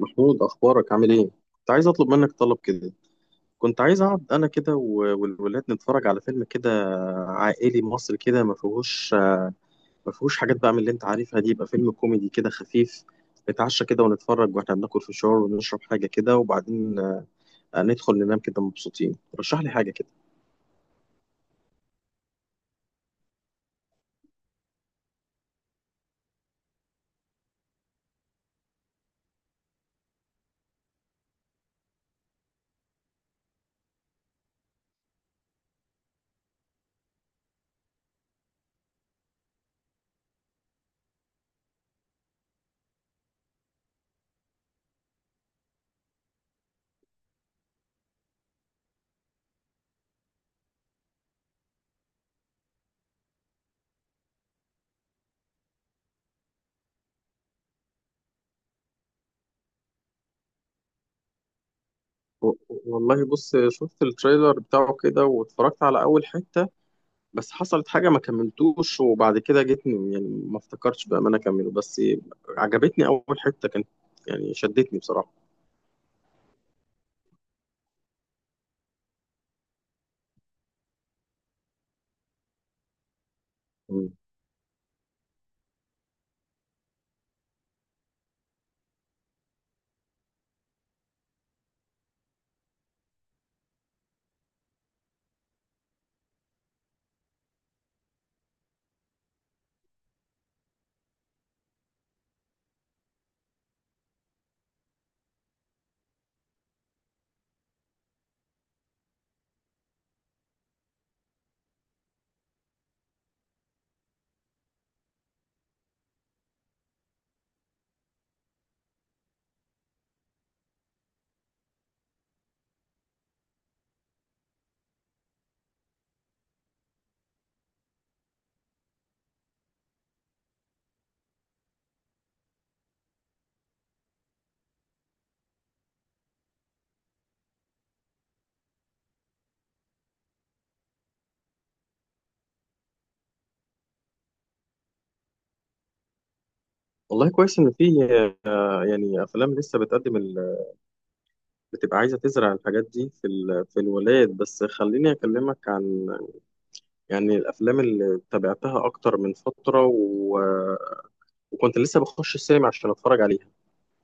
محمود، اخبارك؟ عامل ايه؟ كنت عايز اطلب منك طلب كده. كنت عايز اقعد انا كده والولاد نتفرج على فيلم كده، عائلي مصري كده، ما فيهوش، ما فيهوش حاجات بقى من اللي انت عارفها دي. يبقى فيلم كوميدي كده خفيف، نتعشى كده ونتفرج واحنا بناكل فشار ونشرب حاجه كده، وبعدين ندخل ننام كده مبسوطين. رشح لي حاجه كده. و- والله بص، شفت التريلر بتاعه كده واتفرجت على اول حته، بس حصلت حاجة ما كملتوش، وبعد كده جيت يعني ما افتكرتش بأمانة أكمله. بس عجبتني أول حتة، كانت يعني شدتني بصراحة. مم. والله كويس إن في يعني أفلام لسه بتقدم بتبقى عايزة تزرع الحاجات دي في في الولايات. بس خليني أكلمك عن يعني الأفلام اللي تابعتها، أكتر من فترة وكنت لسه بخش السينما عشان أتفرج عليها.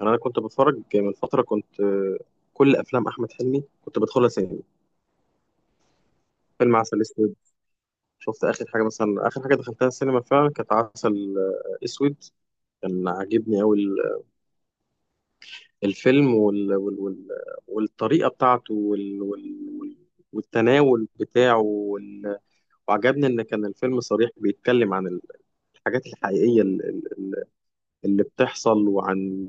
يعني أنا كنت بتفرج من فترة، كنت كل أفلام أحمد حلمي كنت بدخلها سينما. فيلم عسل أسود، شفت اخر حاجه مثلا، اخر حاجه دخلتها السينما فعلا كانت عسل اسود. كان عاجبني قوي الفيلم والطريقه بتاعته والتناول بتاعه وعجبني ان كان الفيلم صريح، بيتكلم عن الحاجات الحقيقيه اللي بتحصل، وعن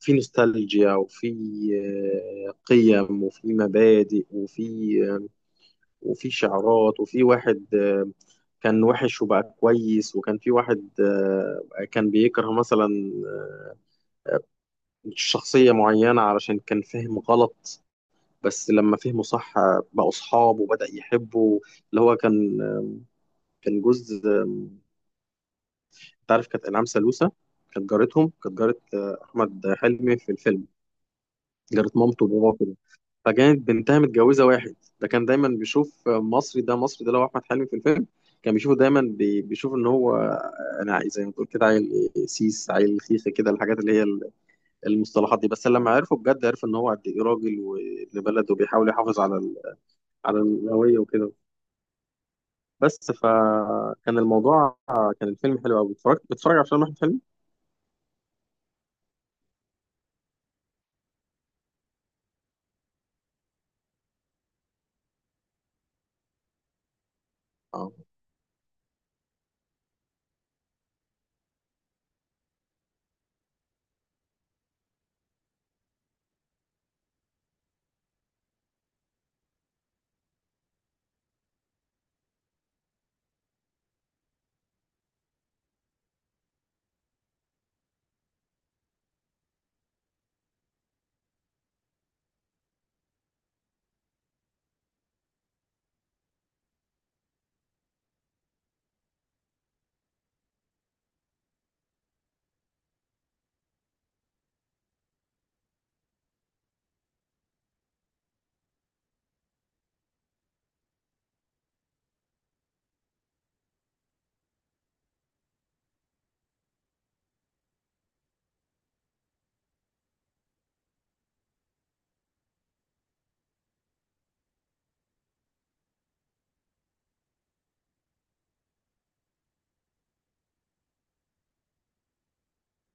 في نوستالجيا، وفي قيم، وفي مبادئ، وفي وفي شعارات، وفي واحد كان وحش وبقى كويس، وكان في واحد كان بيكره مثلا شخصية معينة علشان كان فهم غلط، بس لما فهمه صح بقوا أصحاب وبدأ يحبه. اللي هو كان كان جوز أنت عارف كانت إنعام سالوسة، كانت جارتهم، كانت جارة أحمد حلمي في الفيلم، جارة مامته وباباه. فكانت بنتها متجوزة واحد ده كان دايما بيشوف مصري ده، مصري ده اللي هو أحمد حلمي في الفيلم، كان بيشوفه دايما بيشوف إن هو أنا زي ما تقول كده عيل سيس، عيل خيخة كده، الحاجات اللي هي المصطلحات دي. بس لما عرفه بجد عرف إن هو قد إيه راجل وابن بلد، وبيحاول يحافظ على على الهوية وكده. بس فكان الموضوع، كان الفيلم حلو قوي. اتفرجت؟ بتتفرج على فيلم أحمد حلمي؟ اه.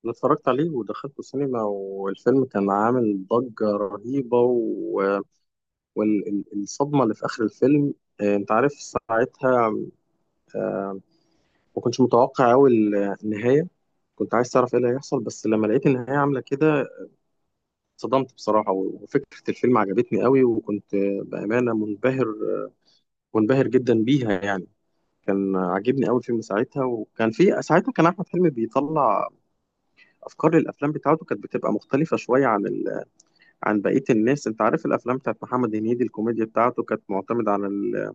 أنا اتفرجت عليه ودخلته السينما، والفيلم كان عامل ضجة رهيبة، و والصدمة اللي في آخر الفيلم، أنت عارف ساعتها ما كنتش متوقع أوي النهاية. كنت عايز تعرف إيه اللي هيحصل، بس لما لقيت النهاية عاملة كده اتصدمت بصراحة. وفكرة الفيلم عجبتني أوي، وكنت بأمانة منبهر، منبهر جدا بيها يعني. كان عاجبني أوي الفيلم ساعتها، وكان في ساعتها كان أحمد حلمي بيطلع أفكار للأفلام بتاعته، كانت بتبقى مختلفة شوية عن عن بقية الناس. أنت عارف الأفلام بتاعت محمد هنيدي، الكوميديا بتاعته كانت معتمدة على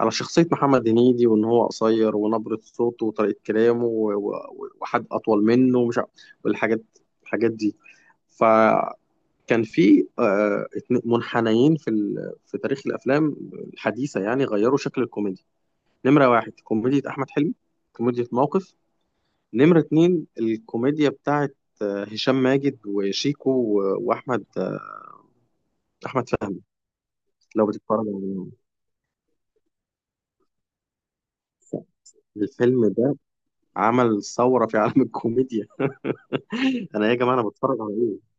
على شخصية محمد هنيدي، وإن هو قصير، ونبرة صوته، وطريقة كلامه، وحد أطول منه ومش عارف، والحاجات، الحاجات دي. فكان في منحنيين في في تاريخ الأفلام الحديثة يعني، غيروا شكل الكوميديا. نمرة واحد كوميديا أحمد حلمي، كوميديا موقف. نمرة اتنين الكوميديا بتاعت هشام ماجد وشيكو وأحمد أحمد فهمي. لو بتتفرج على الفيلم ده، عمل ثورة في عالم الكوميديا. انا ايه يا جماعه؟ انا بتفرج على ايه؟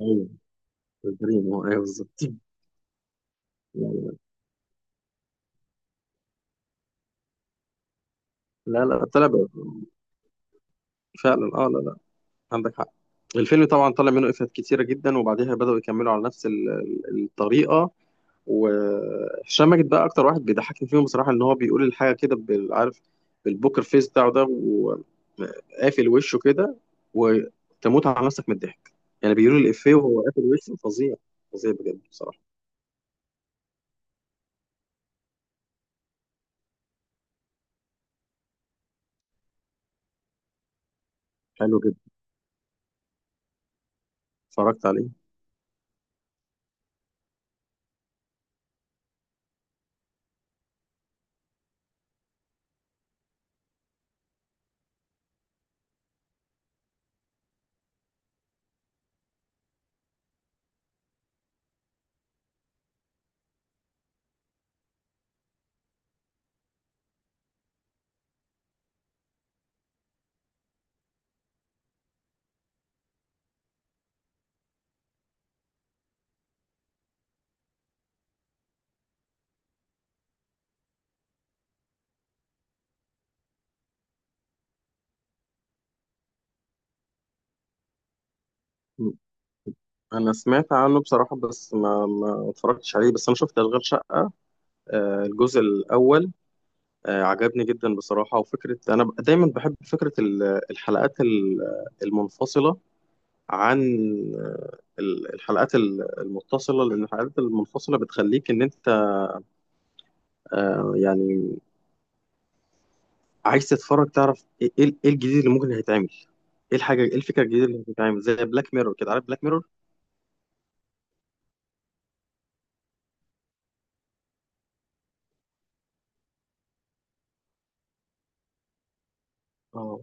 ايوه، البريم هو، ايوه بالظبط. يعني لا لا طلع بقى. فعلا اه، لا لا عندك حق. الفيلم طبعا طلع منه افيهات كتيره جدا، وبعديها بداوا يكملوا على نفس الطريقه. وهشام ماجد بقى اكتر واحد بيضحكني فيهم بصراحه، ان هو بيقول الحاجه كده عارف بالبوكر فيس بتاعه ده، وقافل وشه كده وتموت على نفسك من الضحك. يعني بيقولوا الافيه وهو قافل وشه، فظيع، فظيع بجد بصراحه. حلو جدا. اتفرجت عليه. انا سمعت عنه بصراحه، بس ما اتفرجتش عليه. بس انا شفت اشغال شقه، الجزء الاول، عجبني جدا بصراحه. وفكره انا دايما بحب فكره الحلقات المنفصله عن الحلقات المتصله، لان الحلقات المنفصله بتخليك ان انت يعني عايز تتفرج تعرف ايه إيه الجديد اللي ممكن هيتعمل، ايه الحاجه، ايه الفكره الجديده اللي هتتعمل، زي بلاك ميرور كده. عارف بلاك ميرور؟ اه،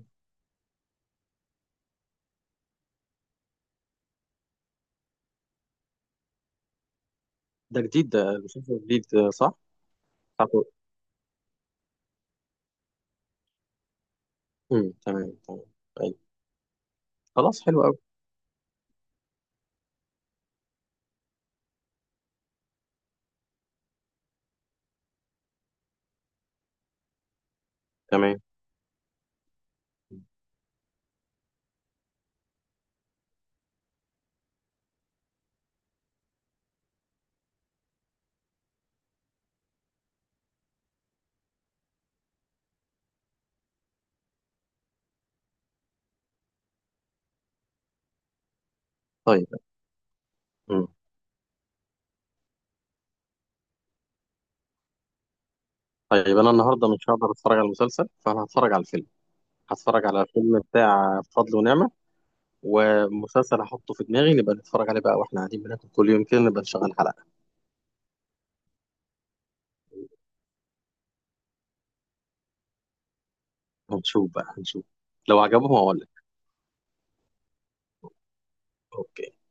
ده جديد، ده المسلسل الجديد صح؟ بتاعته. امم، تمام تمام. خلاص، حلو قوي. تمام. طيب. مم. طيب، انا النهارده مش هقدر اتفرج على المسلسل، فانا هتفرج على الفيلم، هتفرج على فيلم بتاع فضل ونعمة، ومسلسل هحطه في دماغي نبقى نتفرج عليه بقى، واحنا قاعدين بناكل كل يوم كده نبقى نشغل حلقة. هنشوف بقى، هنشوف، لو عجبهم هقول لك. اوكي.